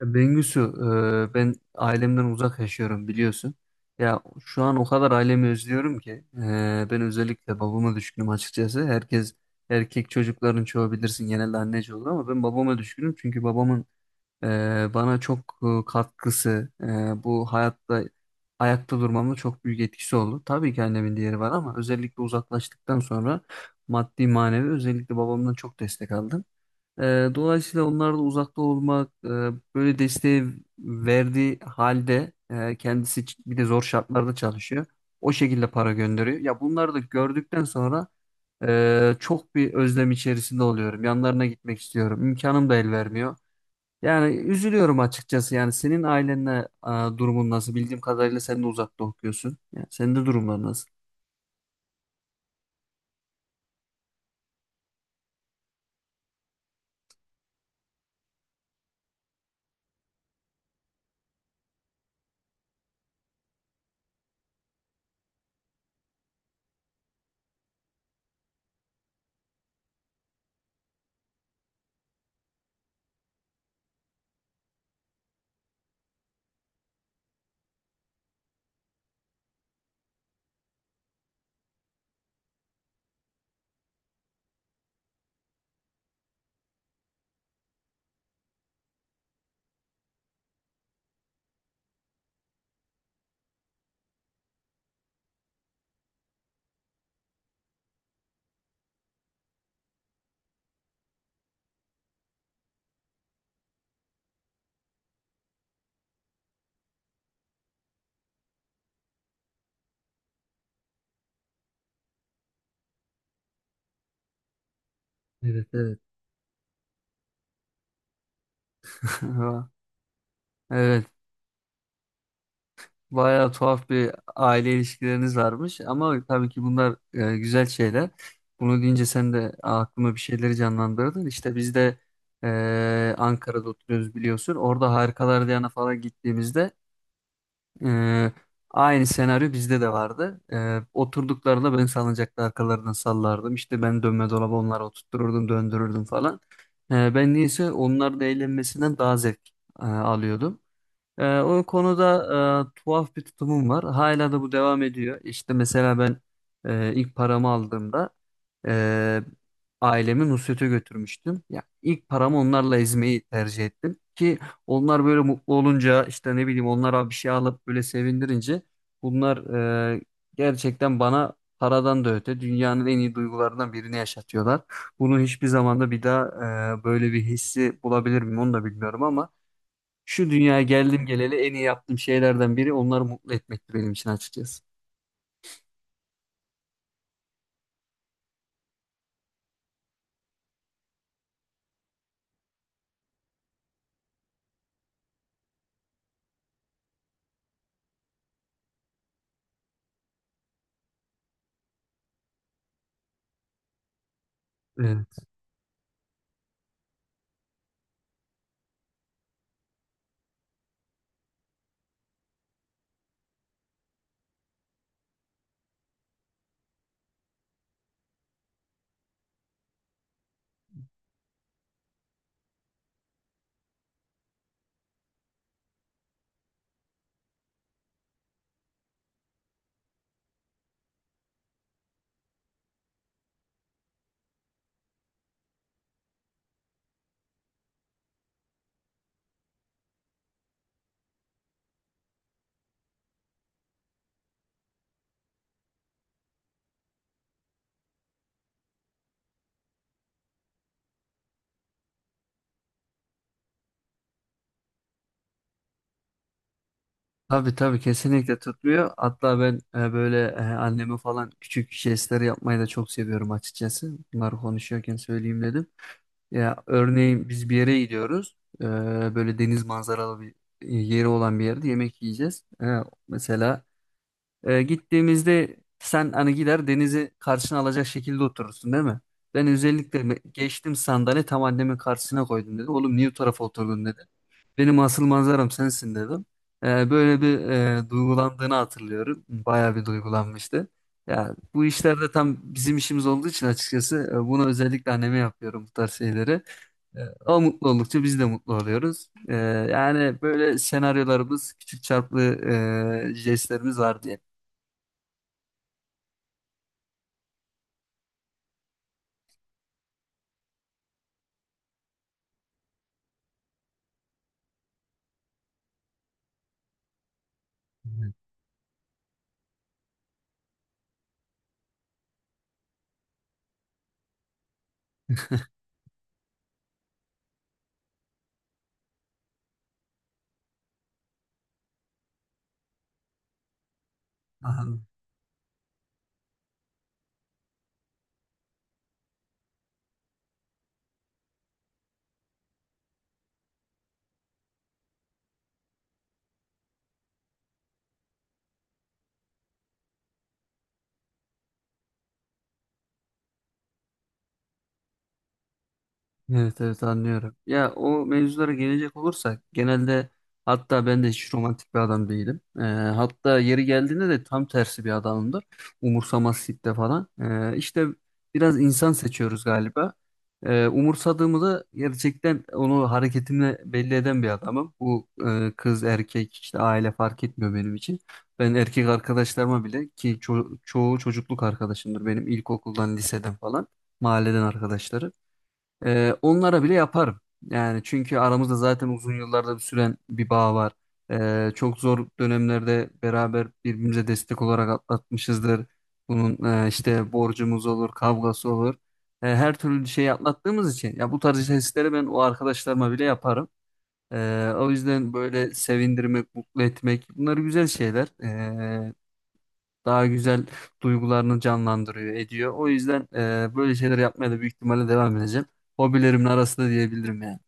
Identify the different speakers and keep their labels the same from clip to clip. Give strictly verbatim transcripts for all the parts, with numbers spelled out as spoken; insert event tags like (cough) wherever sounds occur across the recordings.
Speaker 1: Ya Bengüsü, e, ben ailemden uzak yaşıyorum biliyorsun. Ya şu an o kadar ailemi özlüyorum ki e, ben özellikle babama düşkünüm açıkçası. Herkes erkek çocukların çoğu bilirsin genelde anneci olur ama ben babama düşkünüm çünkü babamın e, bana çok e, katkısı e, bu hayatta ayakta durmamda çok büyük etkisi oldu. Tabii ki annemin diğeri var ama özellikle uzaklaştıktan sonra maddi manevi özellikle babamdan çok destek aldım. Ee, dolayısıyla onlarla uzakta olmak e, böyle desteği verdiği halde e, kendisi ç- bir de zor şartlarda çalışıyor. O şekilde para gönderiyor. Ya bunları da gördükten sonra e, çok bir özlem içerisinde oluyorum. Yanlarına gitmek istiyorum. İmkanım da el vermiyor. Yani üzülüyorum açıkçası. Yani senin ailenle e, durumun nasıl? Bildiğim kadarıyla sen de uzakta okuyorsun. Yani senin de durumlar nasıl? Evet, evet. (laughs) Evet. Bayağı tuhaf bir aile ilişkileriniz varmış ama tabii ki bunlar e, güzel şeyler. Bunu deyince sen de aklıma bir şeyleri canlandırdın. İşte biz de e, Ankara'da oturuyoruz biliyorsun. Orada Harikalar Diyarı'na falan gittiğimizde e, aynı senaryo bizde de vardı. E, oturduklarında ben salıncakta arkalarından sallardım. İşte ben dönme dolabı onlara oturttururdum, döndürürdüm falan. E, ben niyeyse onların eğlenmesinden daha zevk e, alıyordum. Ee, o konuda e, tuhaf bir tutumum var. Hala da bu devam ediyor. İşte mesela ben e, ilk paramı aldığımda e, ailemi Nusret'e götürmüştüm. Ya ilk paramı onlarla ezmeyi tercih ettim ki onlar böyle mutlu olunca işte ne bileyim onlara bir şey alıp böyle sevindirince bunlar e, gerçekten bana paradan da öte dünyanın en iyi duygularından birini yaşatıyorlar. Bunu hiçbir zamanda bir daha e, böyle bir hissi bulabilir miyim onu da bilmiyorum ama şu dünyaya geldim geleli en iyi yaptığım şeylerden biri onları mutlu etmekti benim için açıkçası. Evet. Tabii tabii kesinlikle tutmuyor. Hatta ben e, böyle e, anneme falan küçük jestler yapmayı da çok seviyorum açıkçası. Bunları konuşuyorken söyleyeyim dedim. Ya örneğin biz bir yere gidiyoruz. E, böyle deniz manzaralı bir e, yeri olan bir yerde yemek yiyeceğiz. E, mesela Ee, gittiğimizde sen hani gider denizi karşına alacak şekilde oturursun değil mi? Ben özellikle me- geçtim sandalye tam annemin karşısına koydum dedi. Oğlum niye o tarafa oturdun dedi. Benim asıl manzaram sensin dedim. Ee, böyle bir e, duygulandığını hatırlıyorum. Bayağı bir duygulanmıştı. Ya bu işlerde tam bizim işimiz olduğu için açıkçası e, bunu özellikle anneme yapıyorum bu tarz şeyleri. E, O mutlu oldukça biz de mutlu oluyoruz. E, Yani böyle senaryolarımız, küçük çarplı e, jestlerimiz var diye. Anladım. Evet, evet, anlıyorum. Ya o mevzulara gelecek olursak genelde hatta ben de hiç romantik bir adam değilim. Ee, hatta yeri geldiğinde de tam tersi bir adamımdır. Umursamazlıkta falan. Ee, işte biraz insan seçiyoruz galiba. Ee, umursadığımı da gerçekten onu hareketimle belli eden bir adamım. Bu e, kız erkek işte aile fark etmiyor benim için. Ben erkek arkadaşlarıma bile ki ço- çoğu çocukluk arkadaşımdır benim ilkokuldan liseden falan mahalleden arkadaşları. Ee, onlara bile yaparım. Yani çünkü aramızda zaten uzun yıllarda bir süren bir bağ var. Ee, çok zor dönemlerde beraber birbirimize destek olarak atlatmışızdır. Bunun e, işte borcumuz olur, kavgası olur. E, her türlü şeyi atlattığımız için ya bu tarz jestleri ben o arkadaşlarıma bile yaparım. Ee, o yüzden böyle sevindirmek, mutlu etmek bunlar güzel şeyler. Daha güzel duygularını canlandırıyor, ediyor. O yüzden e, böyle şeyler yapmaya da büyük ihtimalle devam edeceğim. Hobilerimin arasında diyebilirim yani.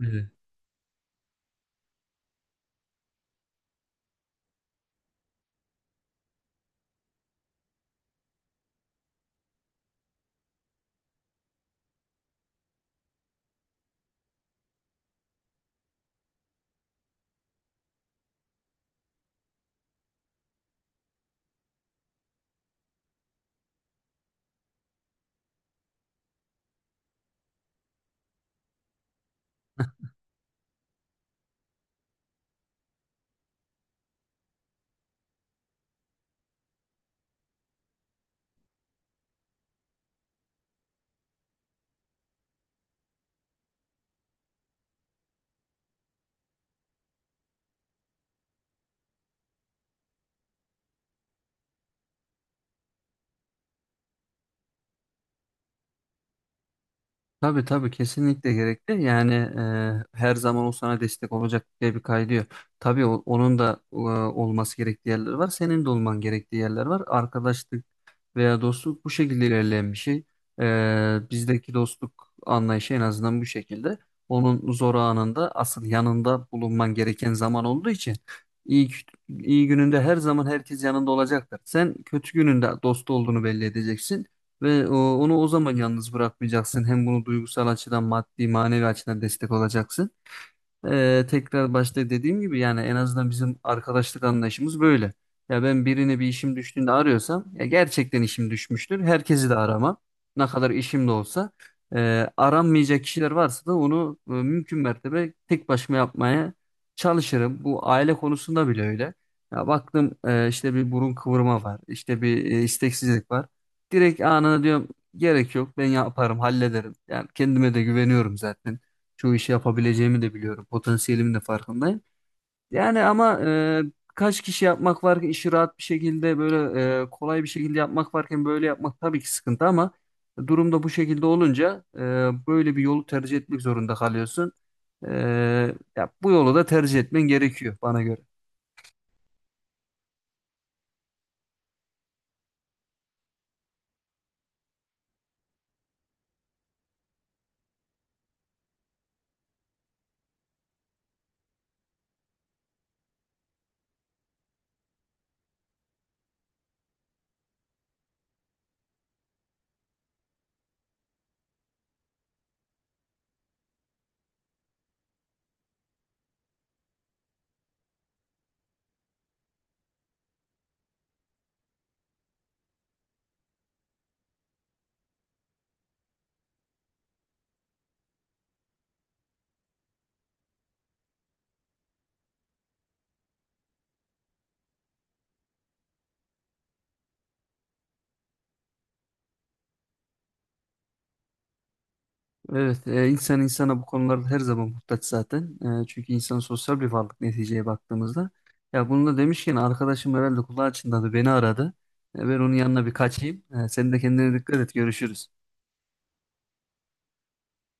Speaker 1: Evet. Tabii tabii kesinlikle gerekli. Yani e, her zaman o sana destek olacak diye bir kaydı yok. Tabii o- onun da e, olması gerektiği yerler var. Senin de olman gerektiği yerler var. Arkadaşlık veya dostluk bu şekilde ilerleyen bir şey. Ee, bizdeki dostluk anlayışı en azından bu şekilde. Onun zor anında asıl yanında bulunman gereken zaman olduğu için iyi, iyi gününde her zaman herkes yanında olacaktır. Sen kötü gününde dost olduğunu belli edeceksin ve o- onu o zaman yalnız bırakmayacaksın. Hem bunu duygusal açıdan, maddi, manevi açıdan destek olacaksın. Ee, tekrar başta dediğim gibi yani en azından bizim arkadaşlık anlayışımız böyle. Ya ben birini bir işim düştüğünde arıyorsam ya gerçekten işim düşmüştür. Herkesi de aramam. Ne kadar işim de olsa. Ee, aranmayacak kişiler varsa da onu e, mümkün mertebe tek başıma yapmaya çalışırım. Bu aile konusunda bile öyle. Ya baktım e, işte bir burun kıvırma var. İşte bir e, isteksizlik var. Direkt anına diyorum gerek yok ben yaparım hallederim. Yani kendime de güveniyorum zaten. Çoğu işi yapabileceğimi de biliyorum. Potansiyelimin de farkındayım. Yani ama e, kaç kişi yapmak var ki işi rahat bir şekilde böyle e, kolay bir şekilde yapmak varken böyle yapmak tabii ki sıkıntı ama durumda bu şekilde olunca e, böyle bir yolu tercih etmek zorunda kalıyorsun. E, Ya bu yolu da tercih etmen gerekiyor bana göre. Evet, e, insan insana bu konularda her zaman muhtaç zaten. E, çünkü insan sosyal bir varlık neticeye baktığımızda. Ya bunu da demişken arkadaşım herhalde kulağı çınladı beni aradı. E, ben onun yanına bir kaçayım. E, sen de kendine dikkat et görüşürüz.